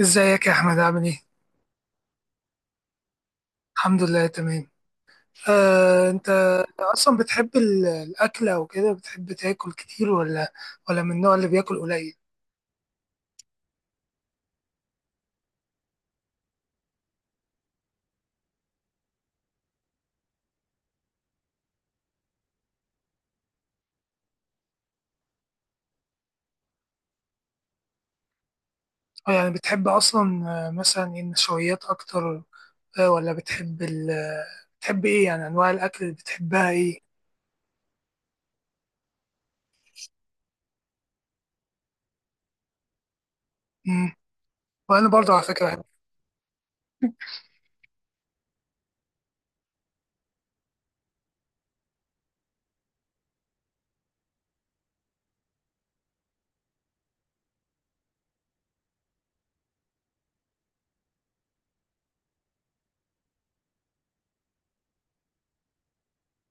ازيك يا احمد، عامل ايه؟ الحمد لله تمام. انت اصلا بتحب الاكل او كده، بتحب تاكل كتير ولا من النوع اللي بياكل قليل؟ أو يعني بتحب اصلا مثلا إيه، النشويات اكتر؟ ولا بتحب ال بتحب ايه؟ يعني انواع الاكل اللي بتحبها ايه؟ مم. وانا برضو على فكره بحب.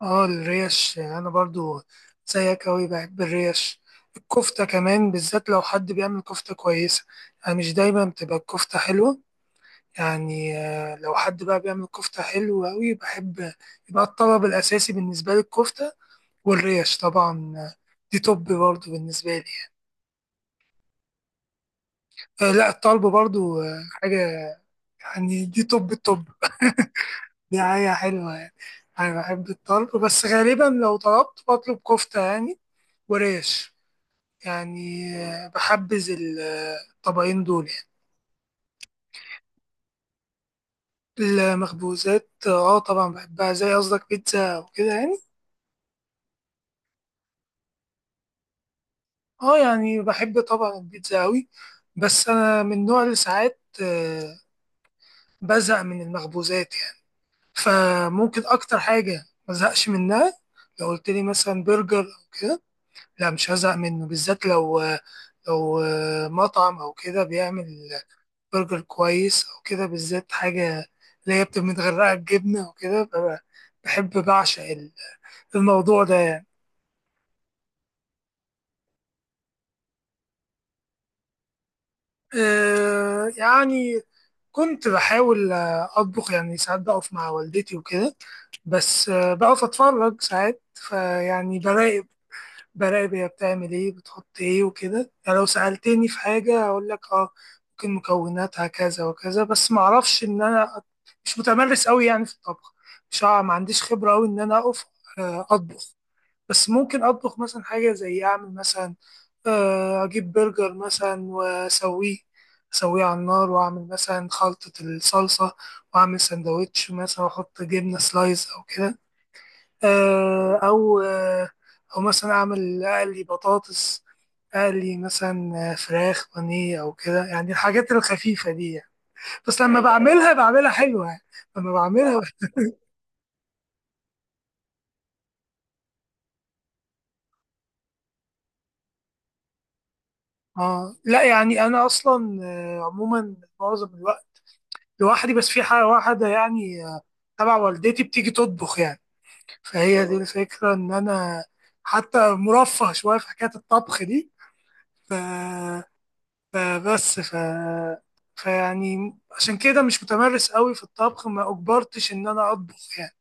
اه، الريش، يعني انا برضو زيك اوي بحب الريش. الكفته كمان، بالذات لو حد بيعمل كفته كويسه. يعني مش دايما بتبقى الكفته حلوه. يعني لو حد بقى بيعمل كفتة حلوة أوي بحب. يبقى الطلب الأساسي بالنسبة لي الكفتة. والريش طبعا. دي توب برضه بالنسبة لي يعني. لا، الطلب برضه حاجة. يعني دي توب التوب. دي حاجة حلوة يعني. أنا بحب الطلب، بس غالبا لو طلبت بطلب كفتة يعني. وريش. يعني بحبذ الطبقين دول يعني. المخبوزات، اه، طبعا بحبها، زي قصدك بيتزا وكده يعني. اه، يعني بحب طبعا البيتزا قوي. بس انا من النوع اللي ساعات، بزهق من المخبوزات يعني، فممكن اكتر حاجه ما ازهقش منها، لو قلت لي مثلا برجر او كده. لا، مش هزهق منه، بالذات لو لو مطعم او كده بيعمل برجر كويس او كده، بالذات حاجه اللي هي بتبقى متغرقه بجبنه وكده، بحب، بعشق الموضوع ده يعني. يعني كنت بحاول أطبخ، يعني ساعات بقف مع والدتي وكده. بس بقف أتفرج ساعات، فيعني براقب، براقب هي بتعمل إيه، بتحط إيه وكده، يعني لو سألتني في حاجة أقول لك أه، ممكن مكوناتها كذا وكذا، بس معرفش إن أنا مش متمرس أوي يعني في الطبخ. مش ما عنديش خبرة أوي إن أنا أقف أطبخ. بس ممكن أطبخ مثلا حاجة، زي أعمل مثلا أجيب برجر مثلا وأسويه، أسويه على النار، وأعمل مثلا خلطة الصلصة، وأعمل سندوتش مثلا، وأحط جبنة سلايز أو كده. آه، أو آه، أو مثلا أعمل أقلي بطاطس، أقلي مثلا فراخ بانيه أو كده، يعني الحاجات الخفيفة دي يعني. بس لما بعملها، بعملها حلوة يعني. لما بعملها. آه، لا، يعني أنا أصلا عموما معظم الوقت لوحدي، بس في حاجة واحدة يعني، تبع والدتي بتيجي تطبخ يعني. فهي دي الفكرة إن أنا حتى مرفه شوية في حكاية الطبخ دي. ف... فبس ف... فيعني عشان كده مش متمرس قوي في الطبخ، ما أجبرتش إن أنا أطبخ يعني.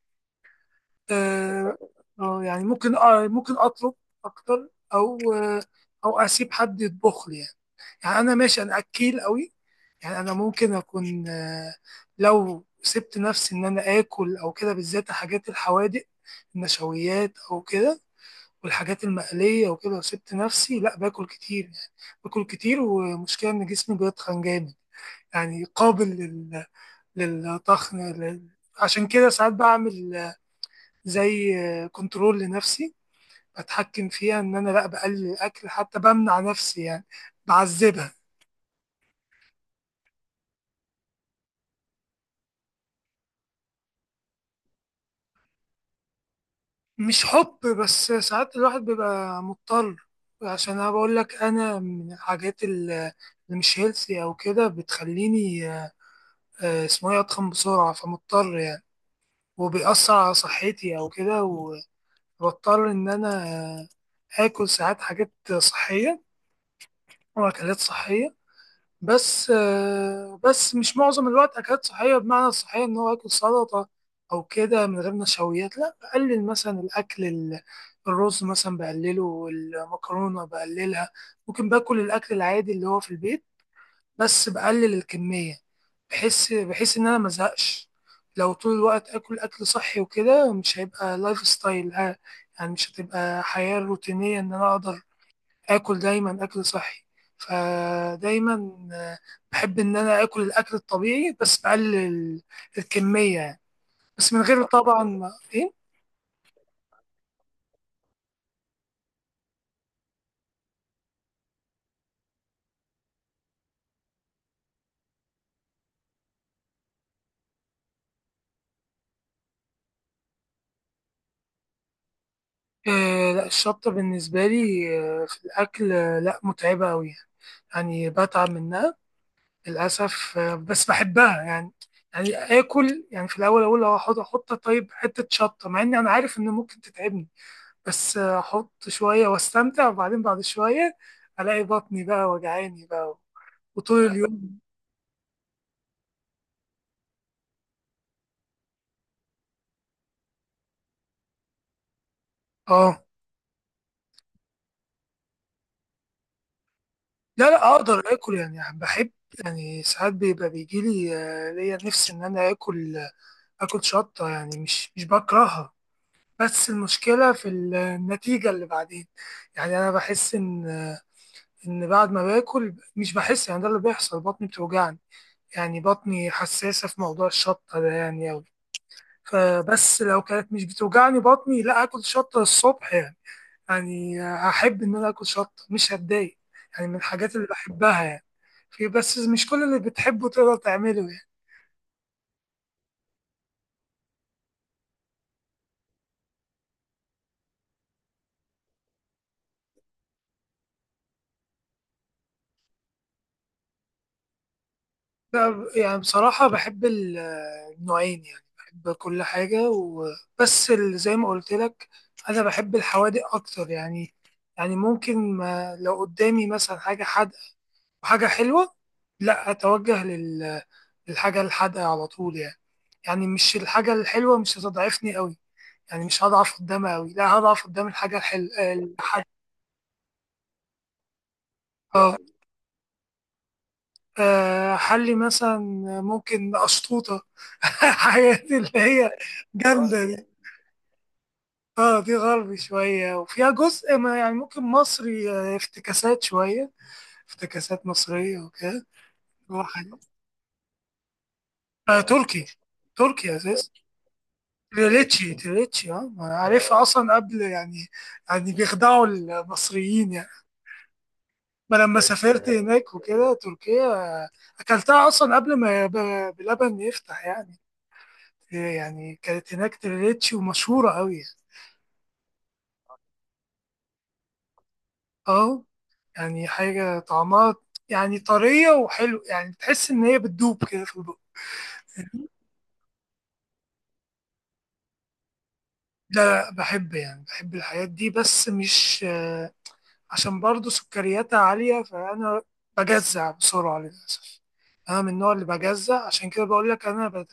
آه، يعني ممكن أطلب أكتر، أو أسيب حد يطبخ لي يعني. يعني انا ماشي، انا اكيل قوي. يعني انا ممكن اكون، لو سبت نفسي ان انا اكل او كده، بالذات حاجات الحوادق، النشويات او كده، والحاجات المقليه وكده. لو سبت نفسي، لا، باكل كتير يعني، باكل كتير، ومشكله ان جسمي بيتخن جامد. يعني قابل للطخن، عشان كده ساعات بعمل، زي كنترول لنفسي، بتحكم فيها ان انا، لا، بقلل الاكل، حتى بمنع نفسي يعني، بعذبها. مش حب، بس ساعات الواحد بيبقى مضطر. عشان انا بقول لك، انا من الحاجات اللي مش هيلثي او كده بتخليني، اسمه ايه، اتخن بسرعه، فمضطر يعني، وبيأثر على صحتي او كده، وبضطر ان انا اكل ساعات حاجات صحيه، واكلات صحيه. بس مش معظم الوقت أكلات صحية، بمعنى الصحية إن هو آكل سلطة أو كده من غير نشويات. لا، بقلل مثلا الأكل، الرز مثلا بقلله، والمكرونة بقللها. ممكن باكل الأكل العادي اللي هو في البيت، بس بقلل الكمية. بحس إن أنا مزهقش لو طول الوقت آكل أكل صحي وكده، مش هيبقى لايف ستايل، ها؟ يعني مش هتبقى حياة روتينية إن أنا أقدر آكل دايما أكل صحي. فدايما، آه، بحب إن أنا آكل الأكل الطبيعي، بس بقلل الكمية يعني. بس من غير طبعا، إيه. آه، لا، الشطة بالنسبة لي، في الأكل، لا متعبة أوي. يعني بتعب منها، للأسف. بس بحبها يعني. يعني آكل يعني في الأول أقول لو أحط طيب، حتة شطة، مع إني أنا عارف إن ممكن تتعبني. بس أحط شوية وأستمتع، وبعدين بعد شوية الاقي بطني بقى وجعاني بقى، وطول اليوم. اه، لا، لا اقدر اكل، يعني بحب. يعني ساعات بيبقى بيجي لي، ليا نفسي ان انا اكل، اكل شطه يعني، مش بكرهها. بس المشكله في النتيجه اللي بعدين. يعني انا بحس ان بعد ما باكل، مش بحس يعني، ده اللي بيحصل، بطني بتوجعني. يعني بطني حساسه في موضوع الشطه ده يعني أوي. فبس، لو كانت مش بتوجعني بطني، لا، اكل شطه الصبح يعني. يعني هحب إن أنا أكل شطة مش هتضايق، يعني من الحاجات اللي بحبها يعني. في، بس مش كل اللي بتحبه تقدر تعمله يعني. لا، يعني بصراحة بحب النوعين، يعني بحب كل حاجة، وبس زي ما قلت لك، أنا بحب الحوادق أكتر يعني. يعني ممكن، ما لو قدامي مثلا حاجة حادقة وحاجة حلوة، لا أتوجه للحاجة الحادقة على طول يعني. يعني مش الحاجة الحلوة مش هتضعفني قوي، يعني مش هضعف قدامها أوي، لا هضعف قدام الحاجة، اه، حلي مثلا، ممكن أشطوطة. حاجات اللي هي جامدة دي. اه، دي غربي شوية، وفيها جزء ما يعني ممكن مصري، افتكاسات شوية، افتكاسات مصرية وكده. واحد. تركي، تركي أساس. تريليتشي، تريليتشي، اه، ما أنا عارفها أصلا قبل يعني. يعني بيخدعوا المصريين يعني. ما لما بس سافرت هناك وكده، تركيا، اكلتها اصلا قبل ما بلبن يفتح يعني. يعني كانت هناك تريليتشي، ومشهورة قوي يعني. اه، يعني حاجة طعمها، يعني طرية وحلو، يعني تحس ان هي بتدوب كده في البق. لا، بحب، يعني بحب الحاجات دي، بس مش عشان برضه سكرياتها عالية، فأنا بجزع بسرعة للأسف. أنا من النوع اللي بجزع، عشان كده بقول لك أنا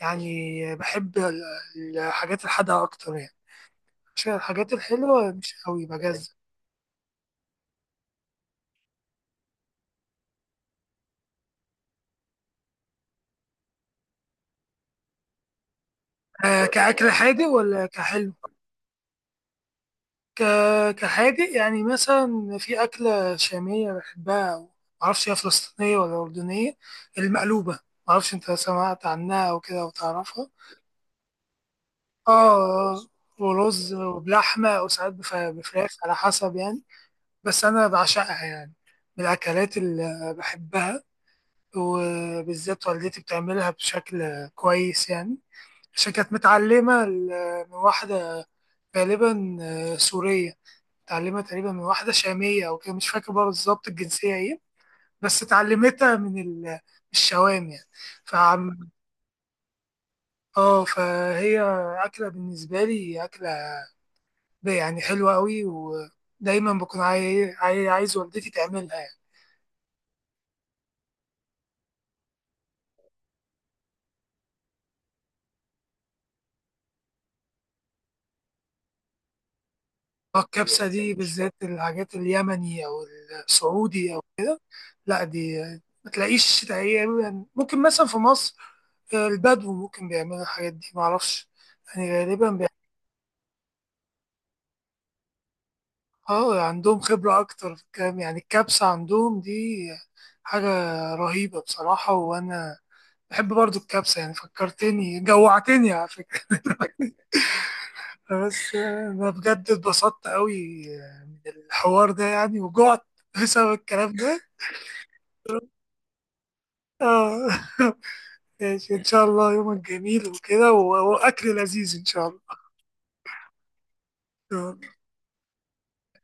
يعني بحب الحاجات الحادقة أكتر يعني، عشان الحاجات الحلوة مش قوي بجزع. كأكل حادق ولا كحلو؟ ك... كحادق، يعني مثلا في أكلة شامية بحبها، أو معرفش هي فلسطينية ولا أردنية، المقلوبة. معرفش أنت سمعت عنها أو كده، أو تعرفها؟ اه، ورز وبلحمة، أو ساعات بفراخ على حسب يعني. بس أنا بعشقها يعني، من الأكلات اللي بحبها، وبالذات والدتي بتعملها بشكل كويس يعني، عشان كانت متعلمة من واحدة، غالبا سورية، اتعلمت تقريبا من واحدة شامية أو كده، مش فاكر بقى بالظبط الجنسية إيه. بس اتعلمتها من الشوام يعني. فعم. اه، فهي أكلة بالنسبة لي، أكلة ده يعني حلوة قوي، ودايما بكون عايز والدتي تعملها يعني. الكبسة دي، بالذات الحاجات اليمني أو السعودي، أو لا دي ما تلاقيش تقريبا. ممكن مثلا في مصر البدو ممكن بيعملوا الحاجات دي، معرفش، يعني غالبا اه، عندهم خبرة أكتر في الكلام، يعني الكبسة عندهم دي حاجة رهيبة بصراحة، وأنا بحب برضو الكبسة، يعني فكرتني، جوعتني على فكرة. بس انا بجد اتبسطت قوي من الحوار ده، يعني وجعت بسبب الكلام ده. اه. ماشي، ان شاء الله يومك جميل وكده، واكل لذيذ ان شاء الله. آه.